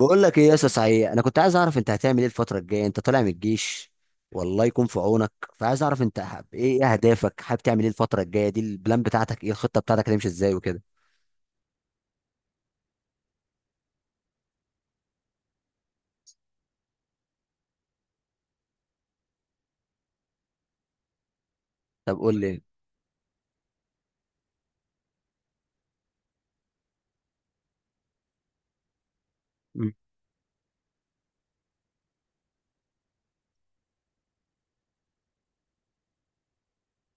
بقول لك ايه يا اسطى، صحيح انا كنت عايز اعرف انت هتعمل ايه الفتره الجايه. انت طالع من الجيش، والله يكون في عونك. فعايز اعرف انت حاب ايه، إيه اهدافك، حابب تعمل ايه الفتره الجايه دي، البلان بتاعتك ايه، الخطه بتاعتك هتمشي ازاي وكده. طب قول لي. مم.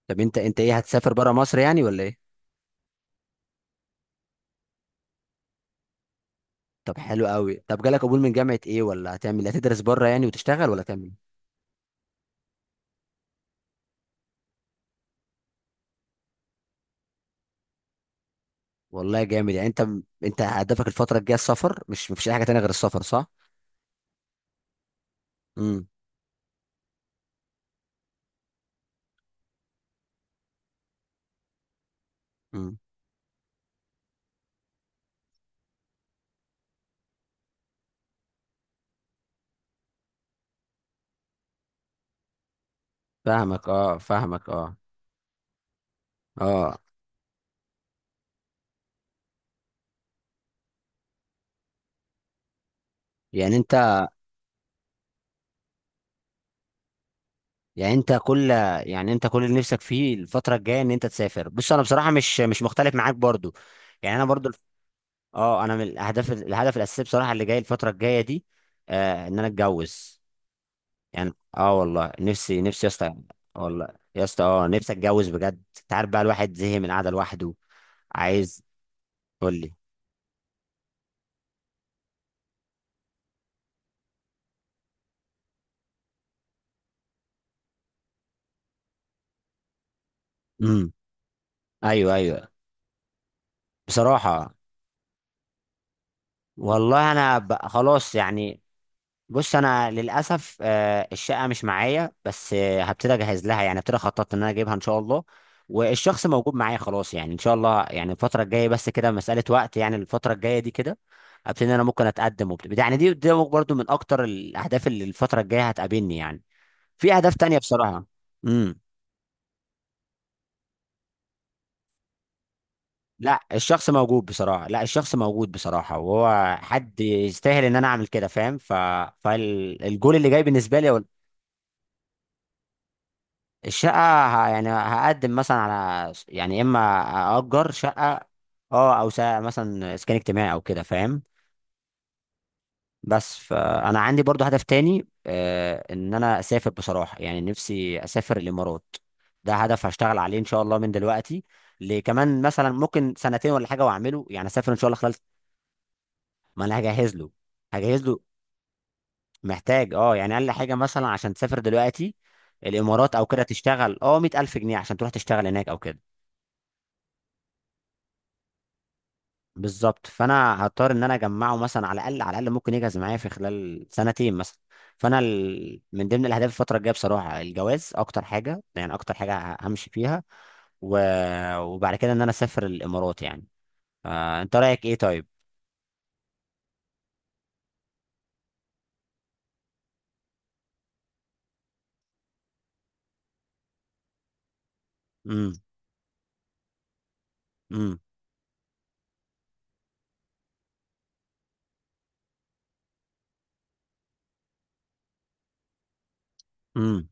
طب انت ايه، هتسافر بره مصر يعني ولا ايه؟ طب حلو قوي. طب جالك قبول من جامعه ايه، ولا هتعمل هتدرس بره يعني وتشتغل ولا تعمل إيه؟ والله جامد يعني انت. انت هدفك الفتره الجايه السفر، مش مفيش اي حاجه تانية غير السفر، صح؟ امم. امم. فاهمك اه، فاهمك اه. اه يعني انت يعني انت كل يعني انت كل اللي نفسك فيه الفتره الجايه ان انت تسافر. بص انا بصراحه مش مختلف معاك برضو. يعني انا برضو. اه، انا من الاهداف الهدف الاساسي بصراحه اللي جاي الفتره الجايه دي ان انا اتجوز. يعني والله نفسي نفسي يا اسطى. والله يا اسطى، نفسي اتجوز بجد. انت عارف بقى الواحد زهق من القعده لوحده. عايز. قول لي. امم. ايوه، ايوه. بصراحه، والله انا خلاص يعني. بص، انا للاسف الشقه مش معايا، بس هبتدي اجهز لها يعني، ابتدي خططت ان انا اجيبها ان شاء الله. والشخص موجود معايا خلاص يعني ان شاء الله. يعني الفتره الجايه بس كده، مساله وقت يعني الفتره الجايه دي كده، ابتدي إن انا ممكن اتقدم وبتاع يعني. دي برضو من اكتر الاهداف اللي الفتره الجايه هتقابلني يعني. في اهداف تانية بصراحه. امم. لا، الشخص موجود بصراحه، لا الشخص موجود بصراحه، وهو حد يستاهل ان انا اعمل كده، فاهم. ف فالجول اللي جاي بالنسبه لي. الشقة، يعني هقدم مثلا على يعني اما اجر شقة. اه، او مثلا اسكان اجتماعي او كده فاهم. بس فانا عندي برضو هدف تاني، ان انا اسافر بصراحة. يعني نفسي اسافر الامارات. ده هدف هشتغل عليه ان شاء الله من دلوقتي لكمان مثلا ممكن سنتين ولا حاجة، واعمله يعني اسافر ان شاء الله خلال. ما انا هجهز له. هجهز له. محتاج، يعني اقل حاجة مثلا عشان تسافر دلوقتي الامارات او كده تشتغل، 100,000 جنيه عشان تروح تشتغل هناك او كده. بالظبط، فانا هضطر ان انا اجمعه مثلا على الاقل، على الاقل ممكن يجهز معايا في خلال سنتين مثلا. فانا من ضمن الاهداف الفتره الجايه بصراحه الجواز اكتر حاجه يعني، اكتر حاجه همشي فيها. و... وبعد كده ان انا اسافر الامارات يعني. انت رايك ايه طيب؟ امم. امم. امم.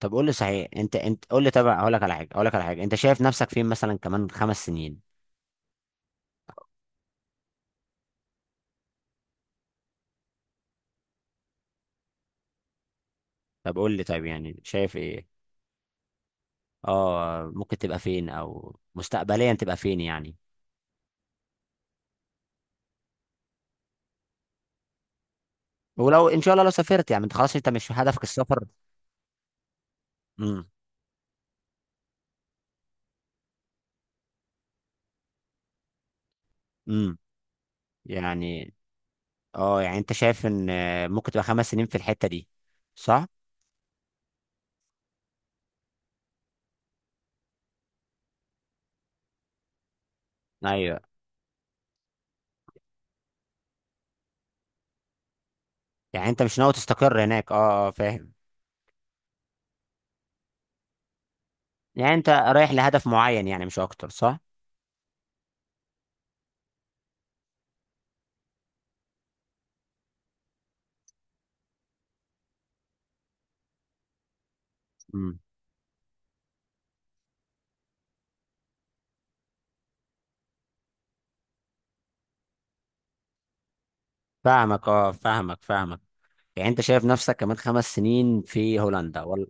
طب قول لي صحيح، انت قول لي، طب اقول لك على حاجه، انت شايف نفسك فين مثلا كمان خمس سنين؟ طب قول لي طيب، يعني شايف ايه؟ اه، ممكن تبقى فين، او مستقبليا تبقى فين يعني؟ ولو ان شاء الله لو سافرت، يعني انت خلاص انت مش هدفك السفر. امم. امم. يعني اه يعني انت شايف ان ممكن تبقى خمس سنين في الحتة دي، صح؟ ايوه، يعني انت مش ناوي تستقر هناك. اه، اه، فاهم. يعني انت رايح لهدف معين يعني مش اكتر، صح؟ امم. فاهمك اه، فاهمك، فاهمك. يعني انت شايف نفسك كمان خمس سنين في هولندا.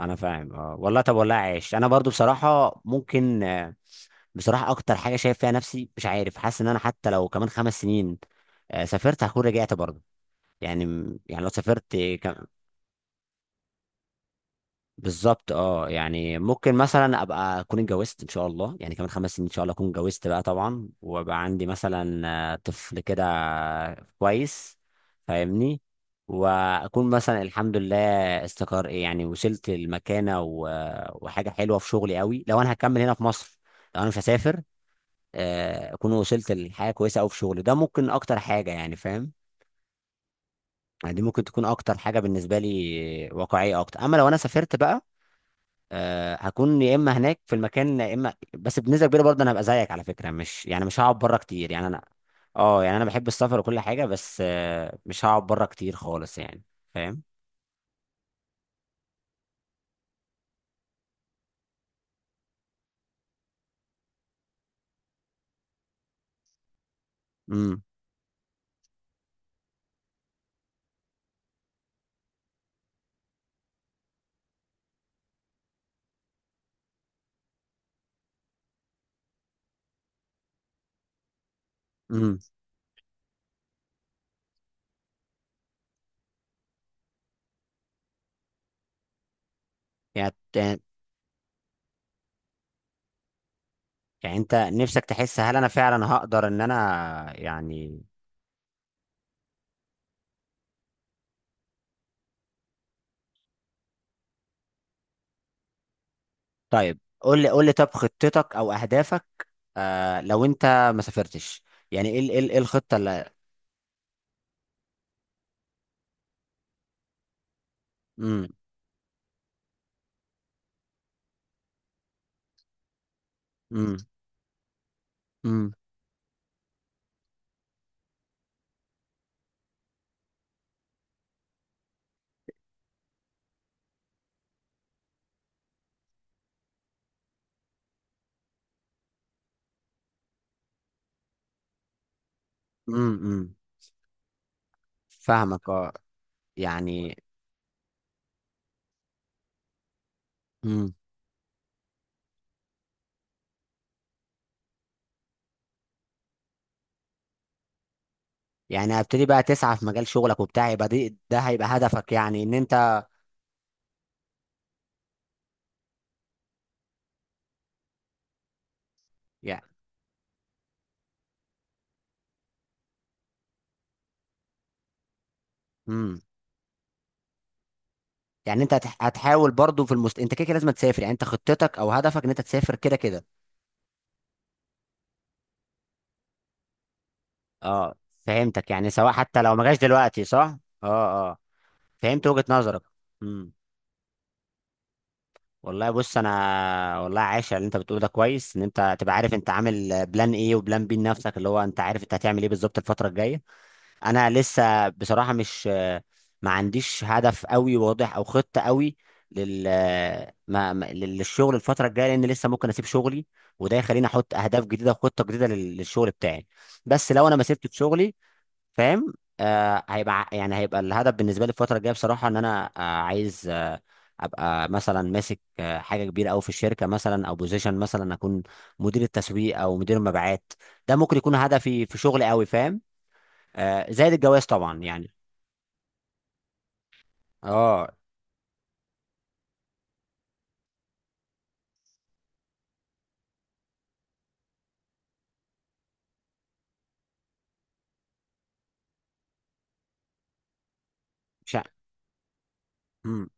انا فاهم اه، والله. طب والله عايش. انا برضو بصراحة ممكن، بصراحة اكتر حاجة شايف فيها نفسي مش عارف، حاسس ان انا حتى لو كمان خمس سنين سافرت هكون رجعت برضو يعني يعني لو سافرت كم... بالظبط. اه يعني ممكن مثلا ابقى اكون اتجوزت ان شاء الله، يعني كمان خمس سنين ان شاء الله اكون اتجوزت بقى طبعا، وابقى عندي مثلا طفل كده. كويس، فاهمني. واكون مثلا الحمد لله استقر يعني، وصلت المكانه. و... وحاجه حلوه في شغلي قوي لو انا هكمل هنا في مصر، لو انا مش هسافر اكون وصلت لحاجه كويسه قوي في شغلي. ده ممكن اكتر حاجه يعني فاهم. يعني دي ممكن تكون اكتر حاجه بالنسبه لي، واقعيه اكتر. اما لو انا سافرت بقى هكون يا اما هناك في المكان، يا اما بس بنسبه كبيره برضه انا هبقى زيك على فكره. مش يعني، مش هقعد بره كتير يعني انا. اه، يعني انا بحب السفر وكل حاجه، بس مش هقعد بره كتير خالص يعني فاهم. امم. امم. يعني يعني يعني انت نفسك تحس هل انا فعلا هقدر ان انا يعني. طيب، قول لي طب خطتك او اهدافك لو انت ما سافرتش يعني، إيه الخطه اللي. امم. امم. امم. امم. امم. فاهمك اه. يعني. امم. يعني هبتدي بقى تسعى في مجال شغلك وبتاع، يبقى ده هيبقى هدفك يعني ان انت. يعني. امم. يعني انت هتحاول برضو في انت كده كده لازم تسافر. يعني انت خطتك او هدفك ان انت تسافر كده كده. اه، فهمتك يعني، سواء حتى لو ما جاش دلوقتي صح. اه، اه، فهمت وجهة نظرك. امم. والله بص، انا والله عايش على اللي انت بتقوله. ده كويس ان انت تبقى عارف انت عامل بلان ايه وبلان بي لنفسك، اللي هو انت عارف انت هتعمل ايه بالظبط الفترة الجاية. انا لسه بصراحه، مش، ما عنديش هدف قوي واضح او خطه قوي لل ما ما- للشغل الفتره الجايه، لان لسه ممكن اسيب شغلي. وده يخليني احط اهداف جديده وخطه جديده للشغل بتاعي. بس لو انا ما سبت شغلي فاهم، هيبقى يعني هيبقى الهدف بالنسبه لي الفتره الجايه بصراحه ان انا عايز ابقى مثلا ماسك حاجه كبيره قوي في الشركه مثلا، او بوزيشن مثلا اكون مدير التسويق او مدير المبيعات. ده ممكن يكون هدفي في شغلي قوي فاهم. زائد الجواز طبعا يعني. اه، مش ع- مم.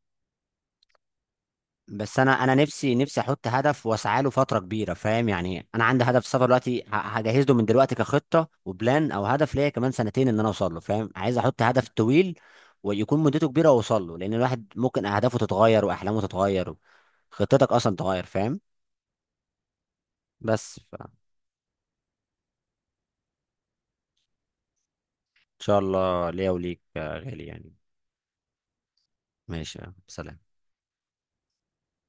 بس انا نفسي نفسي احط هدف واسعى له فتره كبيره فاهم. يعني انا عندي هدف سفر دلوقتي، هجهز له من دلوقتي كخطه وبلان، او هدف ليا كمان سنتين ان انا اوصل له فاهم. عايز احط هدف طويل ويكون مدته كبيره واوصل له، لان الواحد ممكن اهدافه تتغير واحلامه تتغير، خطتك اصلا تتغير فاهم. بس ان شاء الله ليا وليك يا غالي يعني. ماشي يا سلام.